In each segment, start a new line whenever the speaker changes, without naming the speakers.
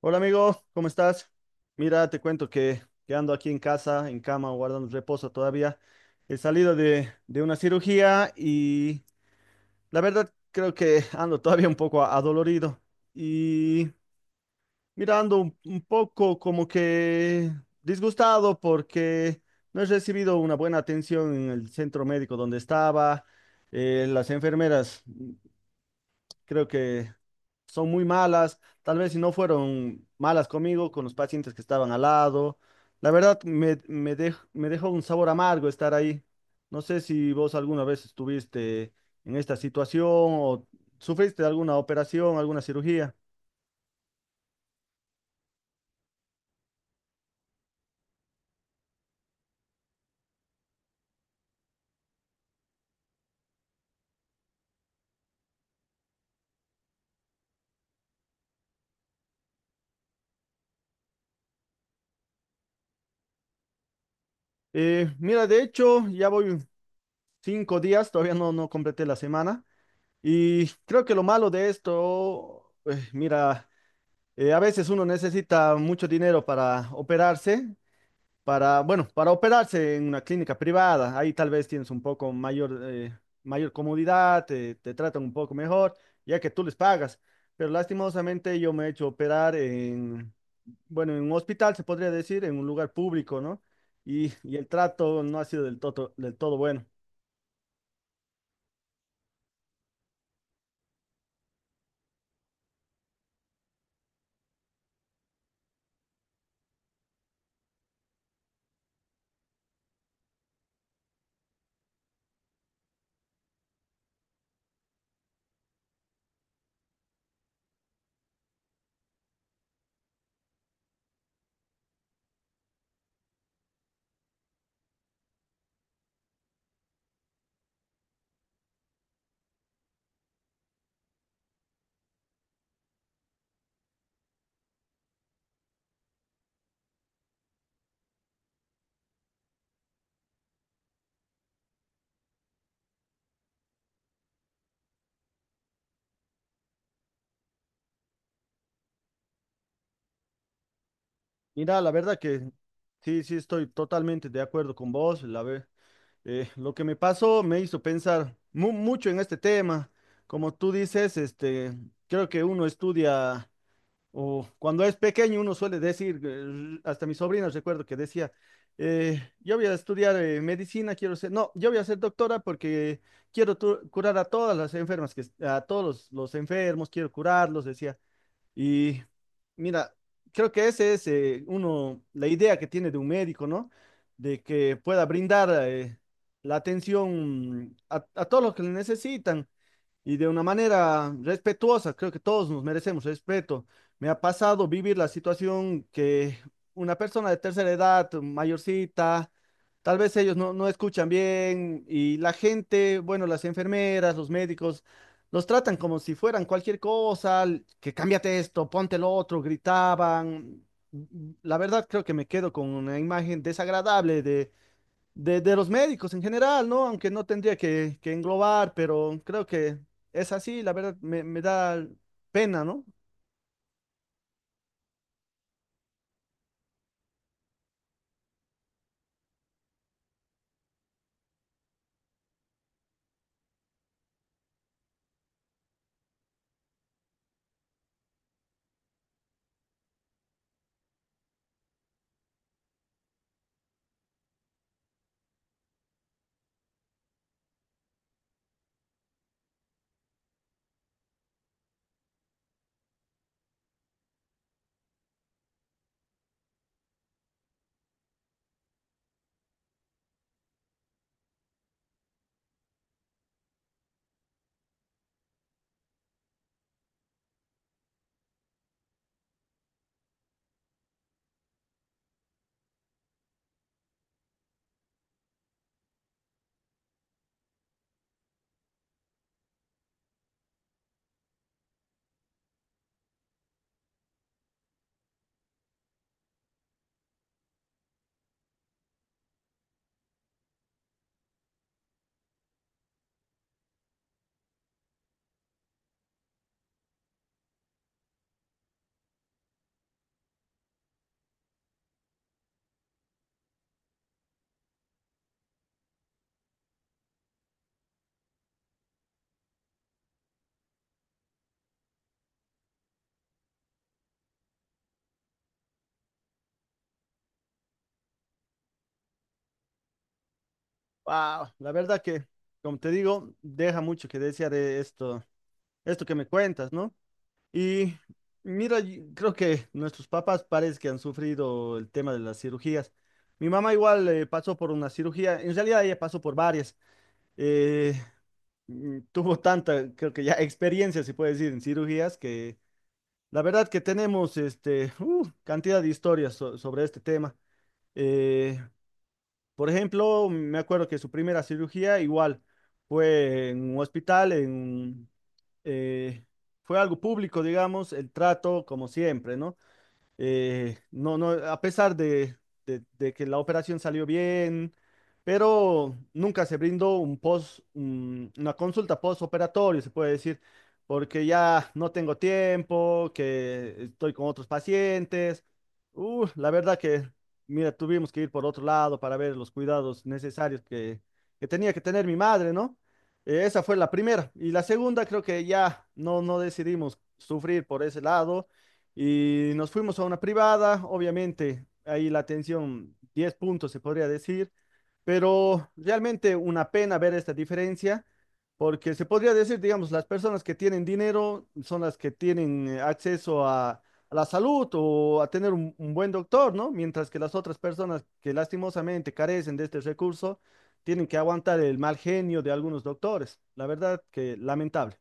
Hola amigo, ¿cómo estás? Mira, te cuento que ando aquí en casa, en cama, guardando reposo todavía. He salido de una cirugía y la verdad creo que ando todavía un poco adolorido. Y mira, ando un poco como que disgustado porque no he recibido una buena atención en el centro médico donde estaba. Las enfermeras creo que son muy malas, tal vez si no fueron malas conmigo, con los pacientes que estaban al lado. La verdad, me dejó un sabor amargo estar ahí. No sé si vos alguna vez estuviste en esta situación o sufriste alguna operación, alguna cirugía. Mira, de hecho, ya voy 5 días, todavía no completé la semana. Y creo que lo malo de esto, mira, a veces uno necesita mucho dinero para operarse para, bueno, para operarse en una clínica privada. Ahí tal vez tienes un poco mayor, mayor comodidad, te tratan un poco mejor, ya que tú les pagas. Pero lastimosamente yo me he hecho operar en, bueno, en un hospital, se podría decir, en un lugar público, ¿no? Y el trato no ha sido del todo bueno. Mira, la verdad que sí, sí, estoy totalmente de acuerdo con vos, la ve. Lo que me pasó me hizo pensar mucho en este tema. Como tú dices, este, creo que uno estudia, o cuando es pequeño uno suele decir, hasta mi sobrina recuerdo que decía, yo voy a estudiar medicina, quiero ser, no, yo voy a ser doctora porque quiero curar a todas las enfermas, que, a todos los enfermos, quiero curarlos, decía. Y mira, creo que ese es uno, la idea que tiene de un médico, ¿no? De que pueda brindar la atención a todos los que le necesitan y de una manera respetuosa. Creo que todos nos merecemos respeto. Me ha pasado vivir la situación que una persona de tercera edad, mayorcita, tal vez ellos no escuchan bien y la gente, bueno, las enfermeras, los médicos, los tratan como si fueran cualquier cosa, que cámbiate esto, ponte lo otro, gritaban. La verdad creo que me quedo con una imagen desagradable de los médicos en general, ¿no? Aunque no tendría que englobar, pero creo que es así, la verdad, me da pena, ¿no? Wow, la verdad que, como te digo, deja mucho que desear de esto, esto que me cuentas, ¿no? Y mira, y creo que nuestros papás parece que han sufrido el tema de las cirugías. Mi mamá igual pasó por una cirugía, en realidad ella pasó por varias. eh, Tuvo tanta, creo que ya experiencia, se puede decir, en cirugías que la verdad que tenemos este, cantidad de historias sobre este tema. Eh, por ejemplo, me acuerdo que su primera cirugía igual fue en un hospital, en un, eh, fue algo público, digamos, el trato como siempre, ¿no? No, a pesar de que la operación salió bien, pero nunca se brindó un post, una consulta postoperatorio, se puede decir, porque ya no tengo tiempo, que estoy con otros pacientes. La verdad que, mira, tuvimos que ir por otro lado para ver los cuidados necesarios que tenía que tener mi madre, ¿no? Esa fue la primera. Y la segunda, creo que ya no decidimos sufrir por ese lado y nos fuimos a una privada, obviamente, ahí la atención 10 puntos se podría decir, pero realmente una pena ver esta diferencia, porque se podría decir, digamos, las personas que tienen dinero son las que tienen acceso a la salud o a tener un buen doctor, ¿no? Mientras que las otras personas que lastimosamente carecen de este recurso tienen que aguantar el mal genio de algunos doctores. La verdad que lamentable.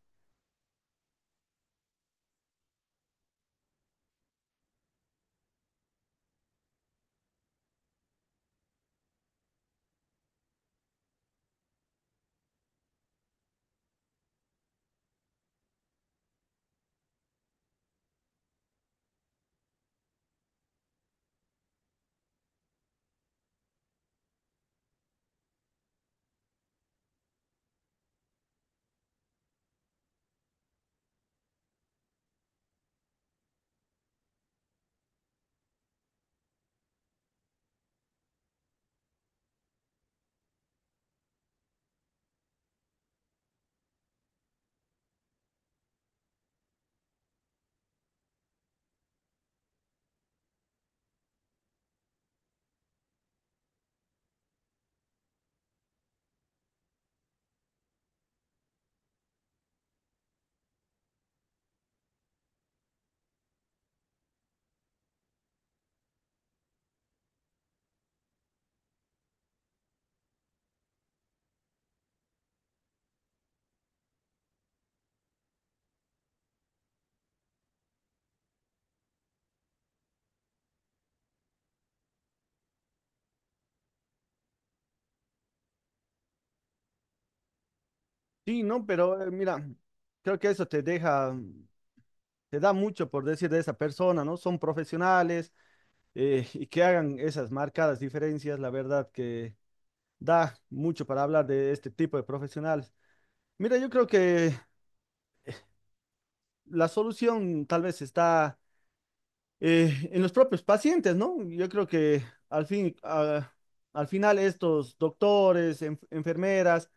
Sí, ¿no? Pero mira, creo que eso te deja, se da mucho por decir de esa persona, ¿no? Son profesionales y que hagan esas marcadas diferencias, la verdad que da mucho para hablar de este tipo de profesionales. Mira, yo creo que la solución tal vez está en los propios pacientes, ¿no? Yo creo que al fin, ah, al final estos doctores, enfermeras,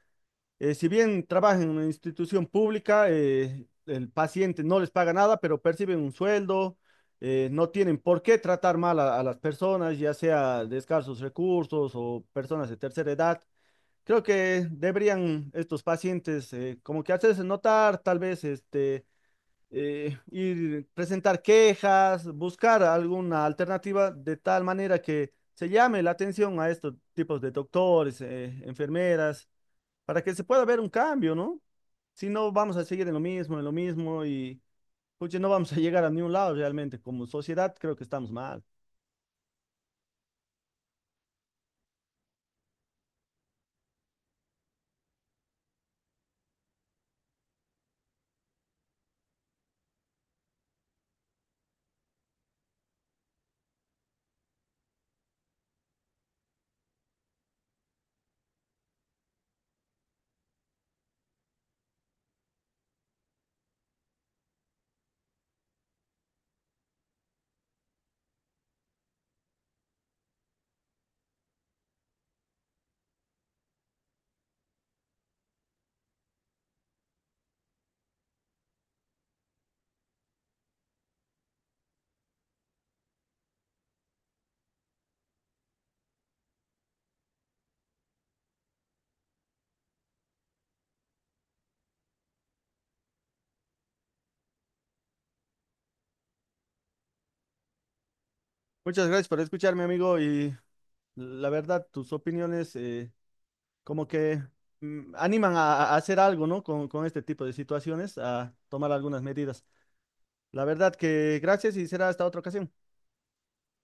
si bien trabajan en una institución pública, el paciente no les paga nada, pero perciben un sueldo, no tienen por qué tratar mal a las personas, ya sea de escasos recursos o personas de tercera edad. Creo que deberían estos pacientes como que hacerse notar, tal vez este, ir presentar quejas, buscar alguna alternativa de tal manera que se llame la atención a estos tipos de doctores, enfermeras para que se pueda ver un cambio, ¿no? Si no, vamos a seguir en lo mismo y, pucha, no vamos a llegar a ningún lado realmente. Como sociedad, creo que estamos mal. Muchas gracias por escucharme, amigo, y la verdad, tus opiniones, como que animan a hacer algo, ¿no? Con este tipo de situaciones, a tomar algunas medidas. La verdad que gracias y será hasta otra ocasión.